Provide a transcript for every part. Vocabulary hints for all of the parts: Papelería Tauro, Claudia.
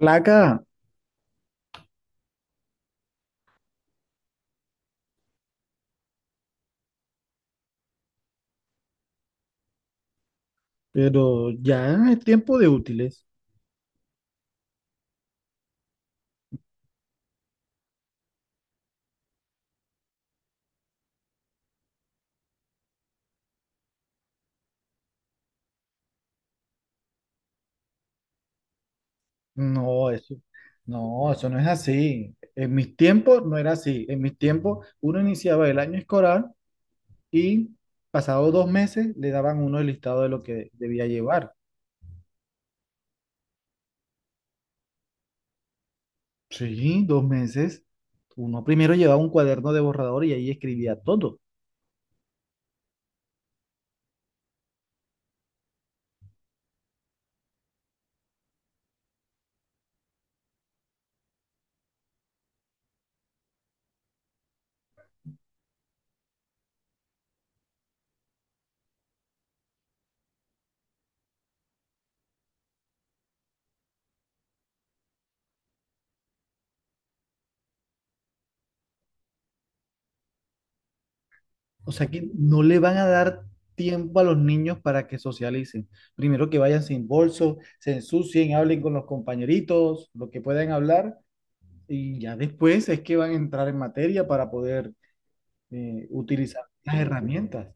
Placa, pero ya es tiempo de útiles. No, eso, no, eso no es así. En mis tiempos no era así. En mis tiempos uno iniciaba el año escolar y pasado 2 meses le daban uno el listado de lo que debía llevar. Sí, 2 meses. Uno primero llevaba un cuaderno de borrador y ahí escribía todo. O sea que no le van a dar tiempo a los niños para que socialicen. Primero que vayan sin bolso, se ensucien, hablen con los compañeritos, lo que puedan hablar. Y ya después es que van a entrar en materia para poder utilizar las herramientas.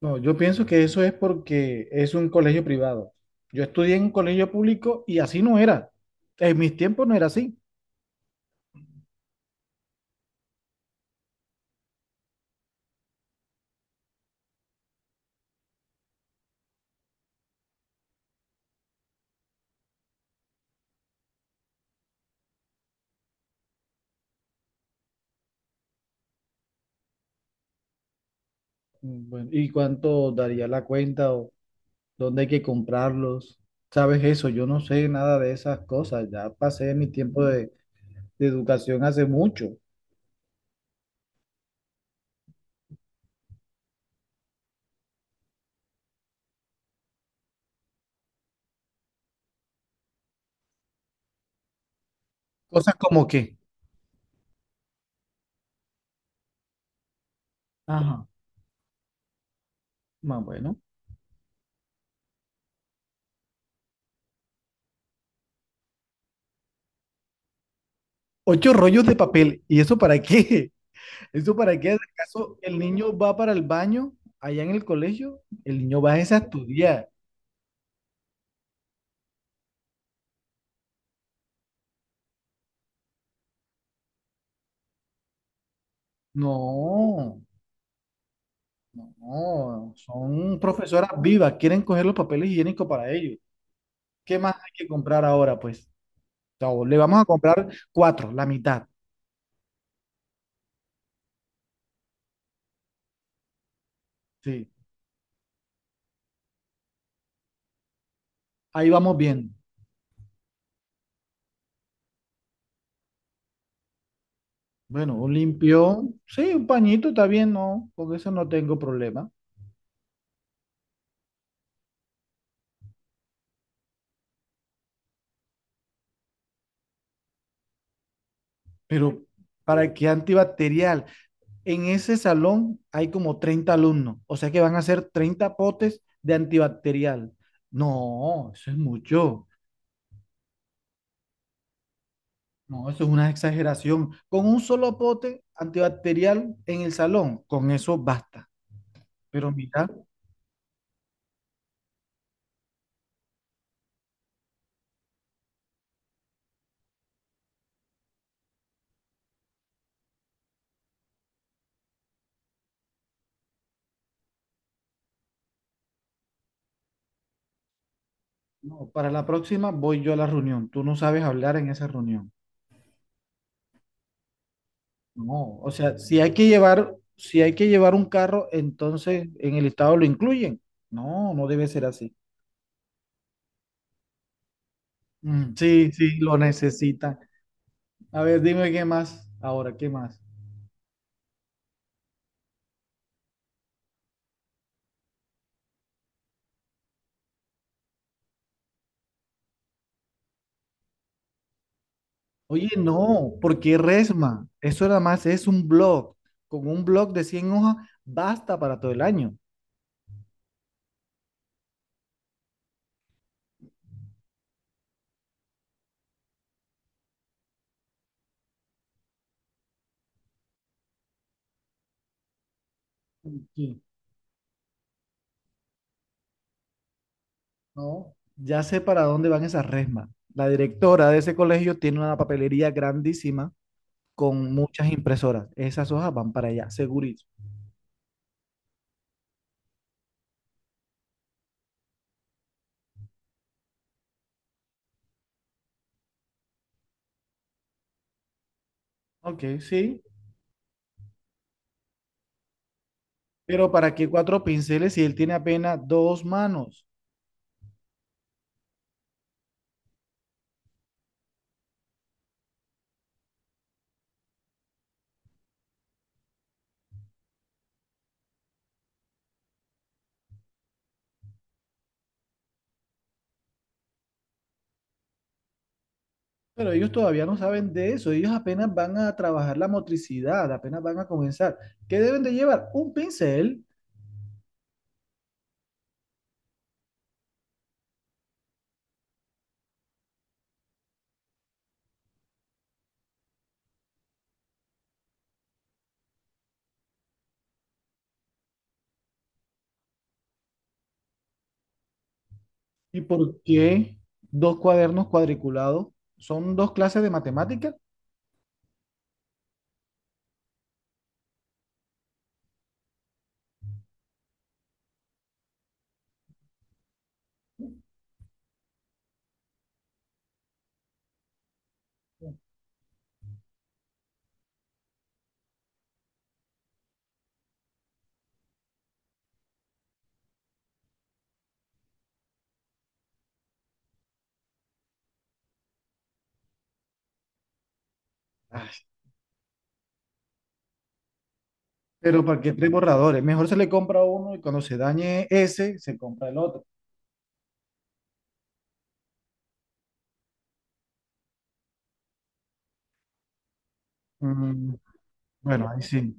No, yo pienso que eso es porque es un colegio privado. Yo estudié en un colegio público y así no era. En mis tiempos no era así. Mm, bueno, ¿y cuánto daría la cuenta o dónde hay que comprarlos? ¿Sabes eso? Yo no sé nada de esas cosas. Ya pasé mi tiempo de educación hace mucho. Cosas como que, ajá, más bueno. Ocho rollos de papel. ¿Y eso para qué? ¿Eso para qué? ¿Acaso el niño va para el baño allá en el colegio? El niño va es a estudiar. No, no, no. Son profesoras vivas, quieren coger los papeles higiénicos para ellos. ¿Qué más hay que comprar ahora, pues? O sea, le vamos a comprar cuatro, la mitad. Sí, ahí vamos viendo. Bueno, un limpio, sí, un pañito está bien, no, con eso no tengo problema. Pero, ¿para qué antibacterial? En ese salón hay como 30 alumnos, o sea que van a hacer 30 potes de antibacterial. No, eso es mucho. No, eso es una exageración. Con un solo pote antibacterial en el salón, con eso basta. Pero mira, no, para la próxima voy yo a la reunión. Tú no sabes hablar en esa reunión. No, o sea, si hay que llevar, si hay que llevar un carro, entonces en el estado lo incluyen. No, no debe ser así. Mm, sí, sí, lo necesitan. A ver, dime qué más. Ahora, ¿qué más? Oye, no, porque Resma, eso nada más es un blog. Con un blog de 100 hojas basta para todo el año. Sí, no. Ya sé para dónde van esas Resmas. La directora de ese colegio tiene una papelería grandísima con muchas impresoras. Esas hojas van para allá, segurito. Ok, sí. Pero ¿para qué cuatro pinceles si él tiene apenas dos manos? Pero ellos todavía no saben de eso, ellos apenas van a trabajar la motricidad, apenas van a comenzar. ¿Qué deben de llevar? Un pincel. ¿Y por qué dos cuadernos cuadriculados? ¿Son dos clases de matemáticas? Ay, pero ¿para qué tres borradores? Mejor se le compra uno y cuando se dañe ese, se compra el otro. Mm, bueno, ahí sí.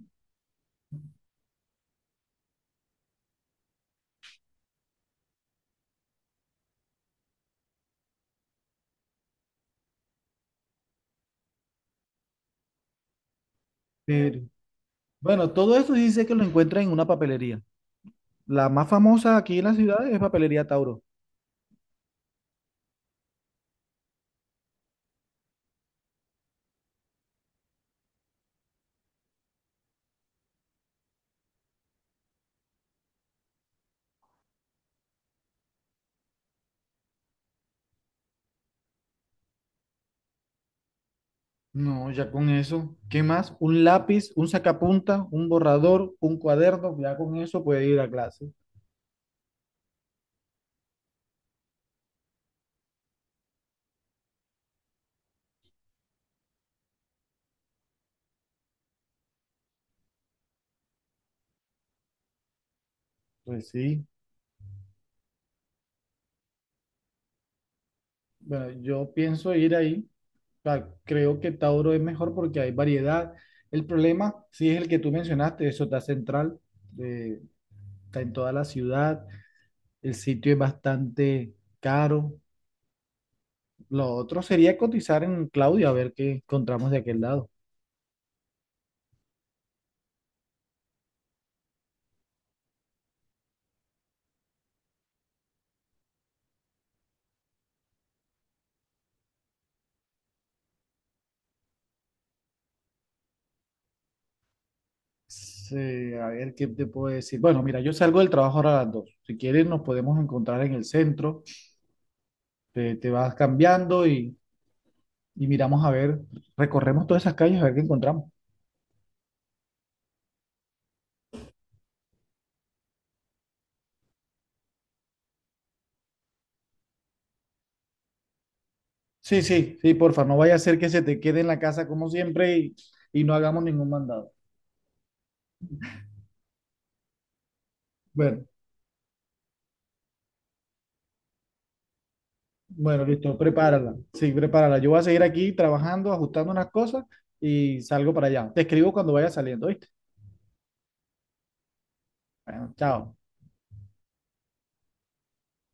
Pero, bueno, todo esto dice que lo encuentra en una papelería. La más famosa aquí en la ciudad es Papelería Tauro. No, ya con eso. ¿Qué más? Un lápiz, un sacapunta, un borrador, un cuaderno. Ya con eso puede ir a clase. Pues sí. Bueno, yo pienso ir ahí. O sea, creo que Tauro es mejor porque hay variedad. El problema, sí, es el que tú mencionaste. Eso está central. eh, Está en toda la ciudad. El sitio es bastante caro. Lo otro sería cotizar en Claudia a ver qué encontramos de aquel lado. Sí, a ver, ¿qué te puedo decir? Bueno, mira, yo salgo del trabajo ahora a las 2:00. Si quieres, nos podemos encontrar en el centro. Te vas cambiando y miramos a ver, recorremos todas esas calles a ver qué encontramos. Sí, sí, sí, porfa, no vaya a ser que se te quede en la casa como siempre y no hagamos ningún mandado. Bueno, bueno, listo, prepárala. Sí, prepárala. Yo voy a seguir aquí trabajando, ajustando unas cosas y salgo para allá. Te escribo cuando vaya saliendo, ¿viste? Bueno, chao.